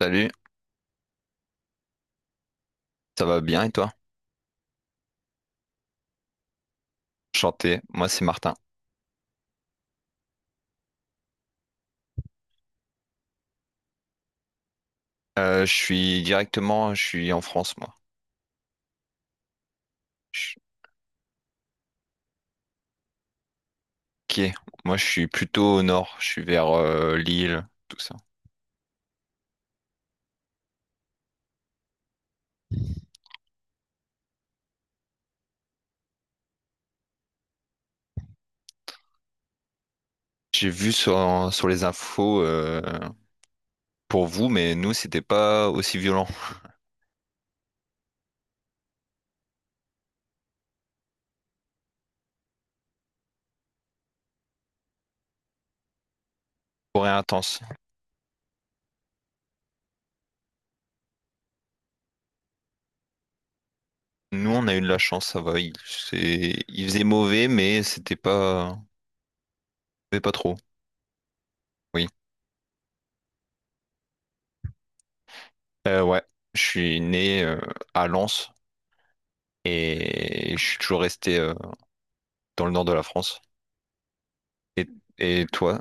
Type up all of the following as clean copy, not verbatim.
Salut, ça va bien et toi? Chanté, moi c'est Martin. Je suis directement, je suis en France moi. Je- Ok, moi je suis plutôt au nord, je suis vers Lille, tout ça. J'ai vu sur, sur les infos pour vous, mais nous c'était pas aussi violent, rien intense. Nous on a eu de la chance, ça va. Il, il faisait mauvais, mais c'était pas, mais pas trop. Oui. Euh, ouais, je suis né à Lens et je suis toujours resté dans le nord de la France. Et, et toi,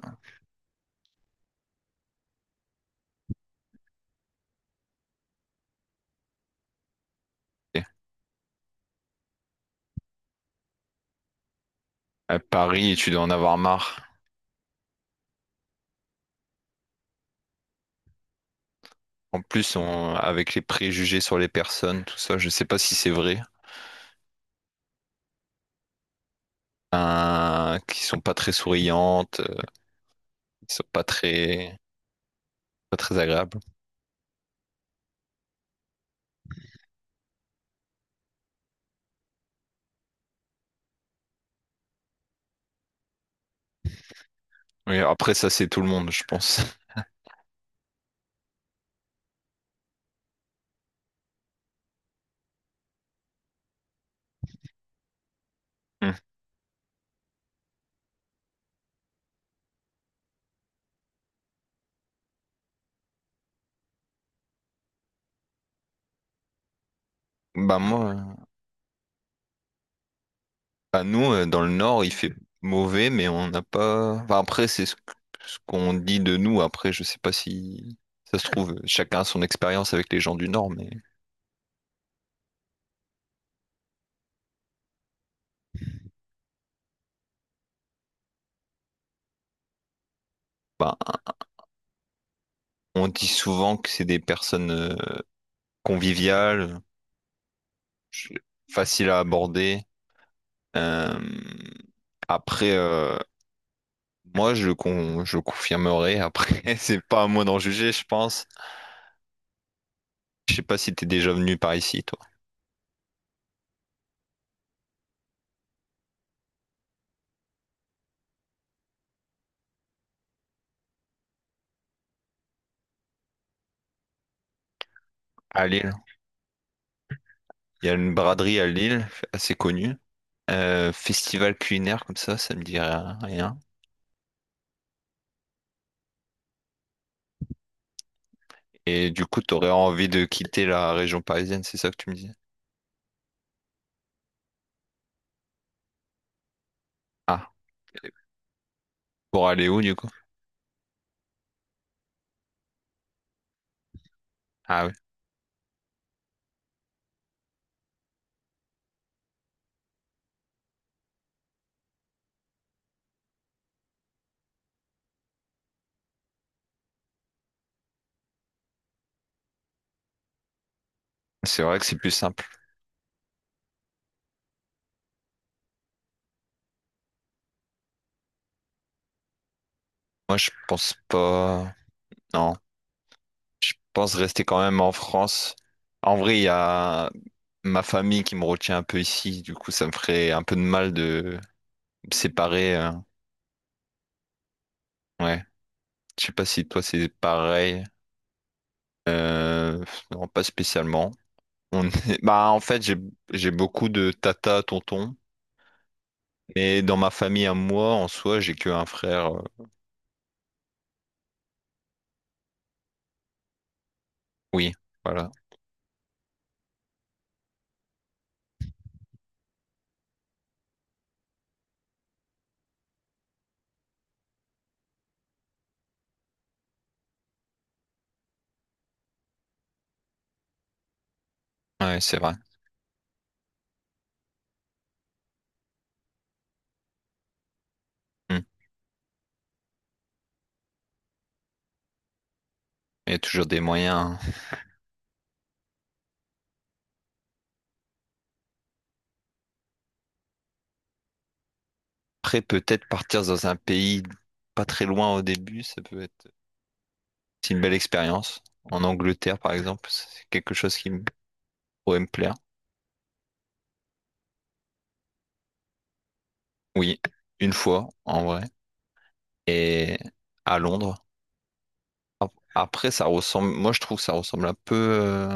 à Paris, tu dois en avoir marre. En plus, avec les préjugés sur les personnes, tout ça, je sais pas si c'est vrai, hein, qui sont pas très souriantes, qui sont pas très, pas très agréables. Oui, après ça, c'est tout le monde, je pense. Hmm. Bah moi, bah nous, dans le Nord, il fait mauvais, mais on n'a pas. Enfin, après, c'est ce qu'on dit de nous. Après, je sais pas si ça se trouve, chacun a son expérience avec les gens du Nord, mais bah, on dit souvent que c'est des personnes. Convivial, je- facile à aborder. Euh, après, euh, moi, je confirmerai. Après, c'est pas à moi d'en juger, je pense. Je sais pas si t'es déjà venu par ici, toi. À Lille. Il y a une braderie à Lille, assez connue. Festival culinaire comme ça me dit rien. Et du coup, t'aurais envie de quitter la région parisienne, c'est ça que tu me disais? Ah, pour aller où du coup? Ah oui, c'est vrai que c'est plus simple. Moi, je pense pas. Non, je pense rester quand même en France. En vrai, il y a ma famille qui me retient un peu ici, du coup, ça me ferait un peu de mal de me séparer. Ouais, je sais pas si toi c'est pareil. Euh... Non, pas spécialement. On est- Bah, en fait, j'ai beaucoup de tata, tonton. Mais dans ma famille à moi, en soi, j'ai que un frère. Oui, voilà. Ouais, c'est vrai. Hmm. Il y a toujours des moyens, hein. Après, peut-être partir dans un pays pas très loin au début, ça peut être c'est une belle expérience. En Angleterre, par exemple, c'est quelque chose qui me pourrait me plaire. Oui, une fois, en vrai. Et à Londres. Ap- Après, ça ressemble. Moi, je trouve que ça ressemble un peu.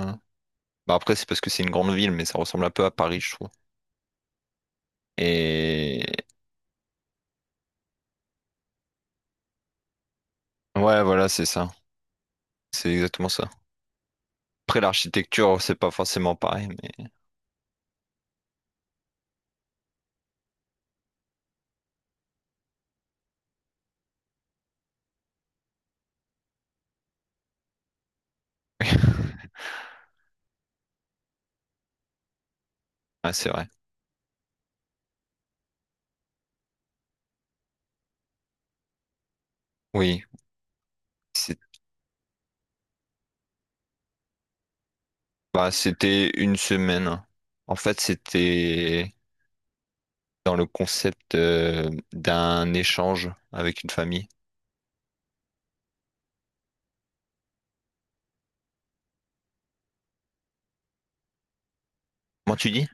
Bah, après, c'est parce que c'est une grande ville, mais ça ressemble un peu à Paris, je trouve. Et ouais, voilà, c'est ça. C'est exactement ça. Après, l'architecture, c'est pas forcément pareil, mais ouais, c'est vrai. Oui, c'est- bah, c'était une semaine. En fait, c'était dans le concept d'un échange avec une famille. Comment tu dis?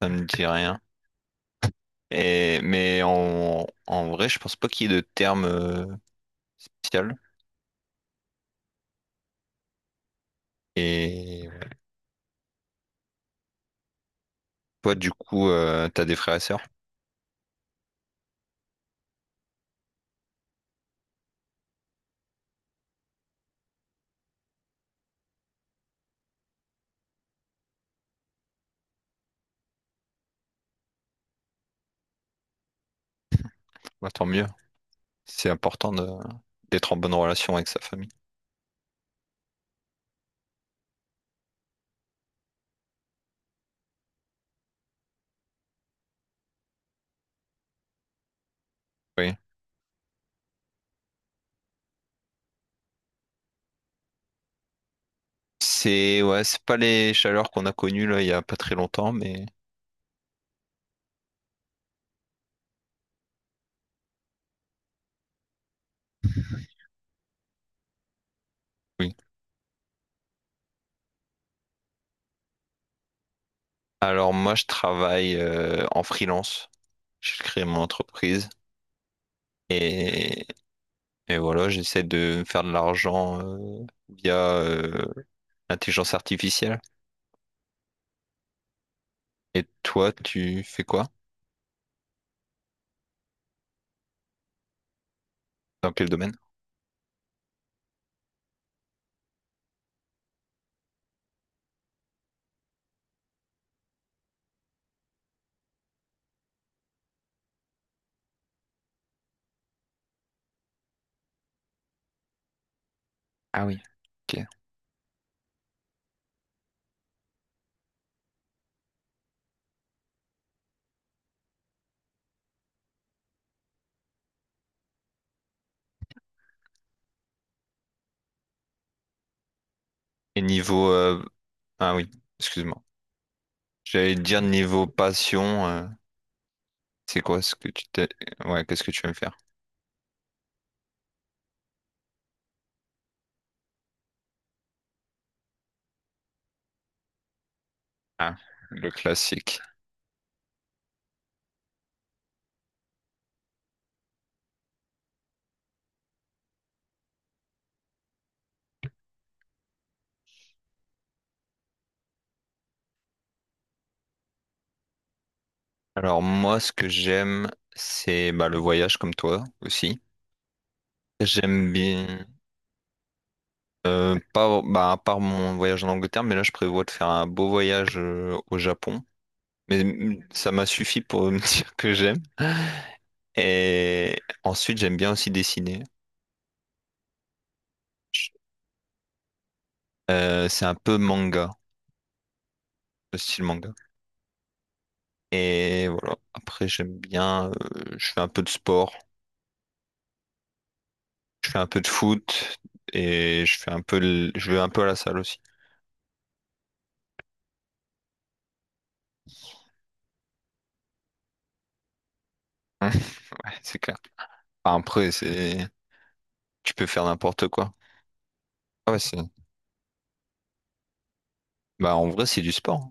Ça me dit rien. Et, mais en vrai, je pense pas qu'il y ait de terme spécial. Et toi, du coup, t'as des frères et sœurs. Bah, tant mieux. C'est important de- D'être en bonne relation avec sa famille. Oui. C'est ouais, c'est pas les chaleurs qu'on a connues là il y a pas très longtemps, mais oui. Alors moi je travaille en freelance. J'ai créé mon entreprise et, et voilà, j'essaie de me faire de l'argent via l'intelligence artificielle. Et toi, tu fais quoi? Dans quel domaine? Ah oui, ok. Et niveau ah oui, excuse-moi. J'allais te dire niveau passion, c'est quoi ce que tu t'es ouais, qu'est-ce que tu aimes faire? Ah, le classique. Alors moi, ce que j'aime, c'est bah, le voyage comme toi aussi. J'aime bien, pas, bah, à part mon voyage en Angleterre, mais là, je prévois de faire un beau voyage au Japon. Mais mm, ça m'a suffi pour me dire que j'aime. Et ensuite, j'aime bien aussi dessiner. Je- c'est un peu manga, le style manga. Et voilà, après, j'aime bien, je fais un peu de sport, je fais un peu de foot et je fais un peu, je vais un peu à la salle aussi. Ouais, c'est clair. Enfin, après, c'est... Tu peux faire n'importe quoi. Ah ouais, c'est... Bah, en vrai, c'est du sport, hein.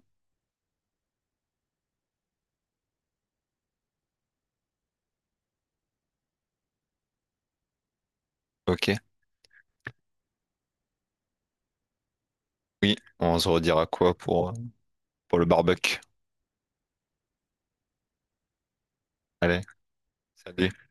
Ok. Oui, on se redira quoi pour le barbecue? Allez, salut.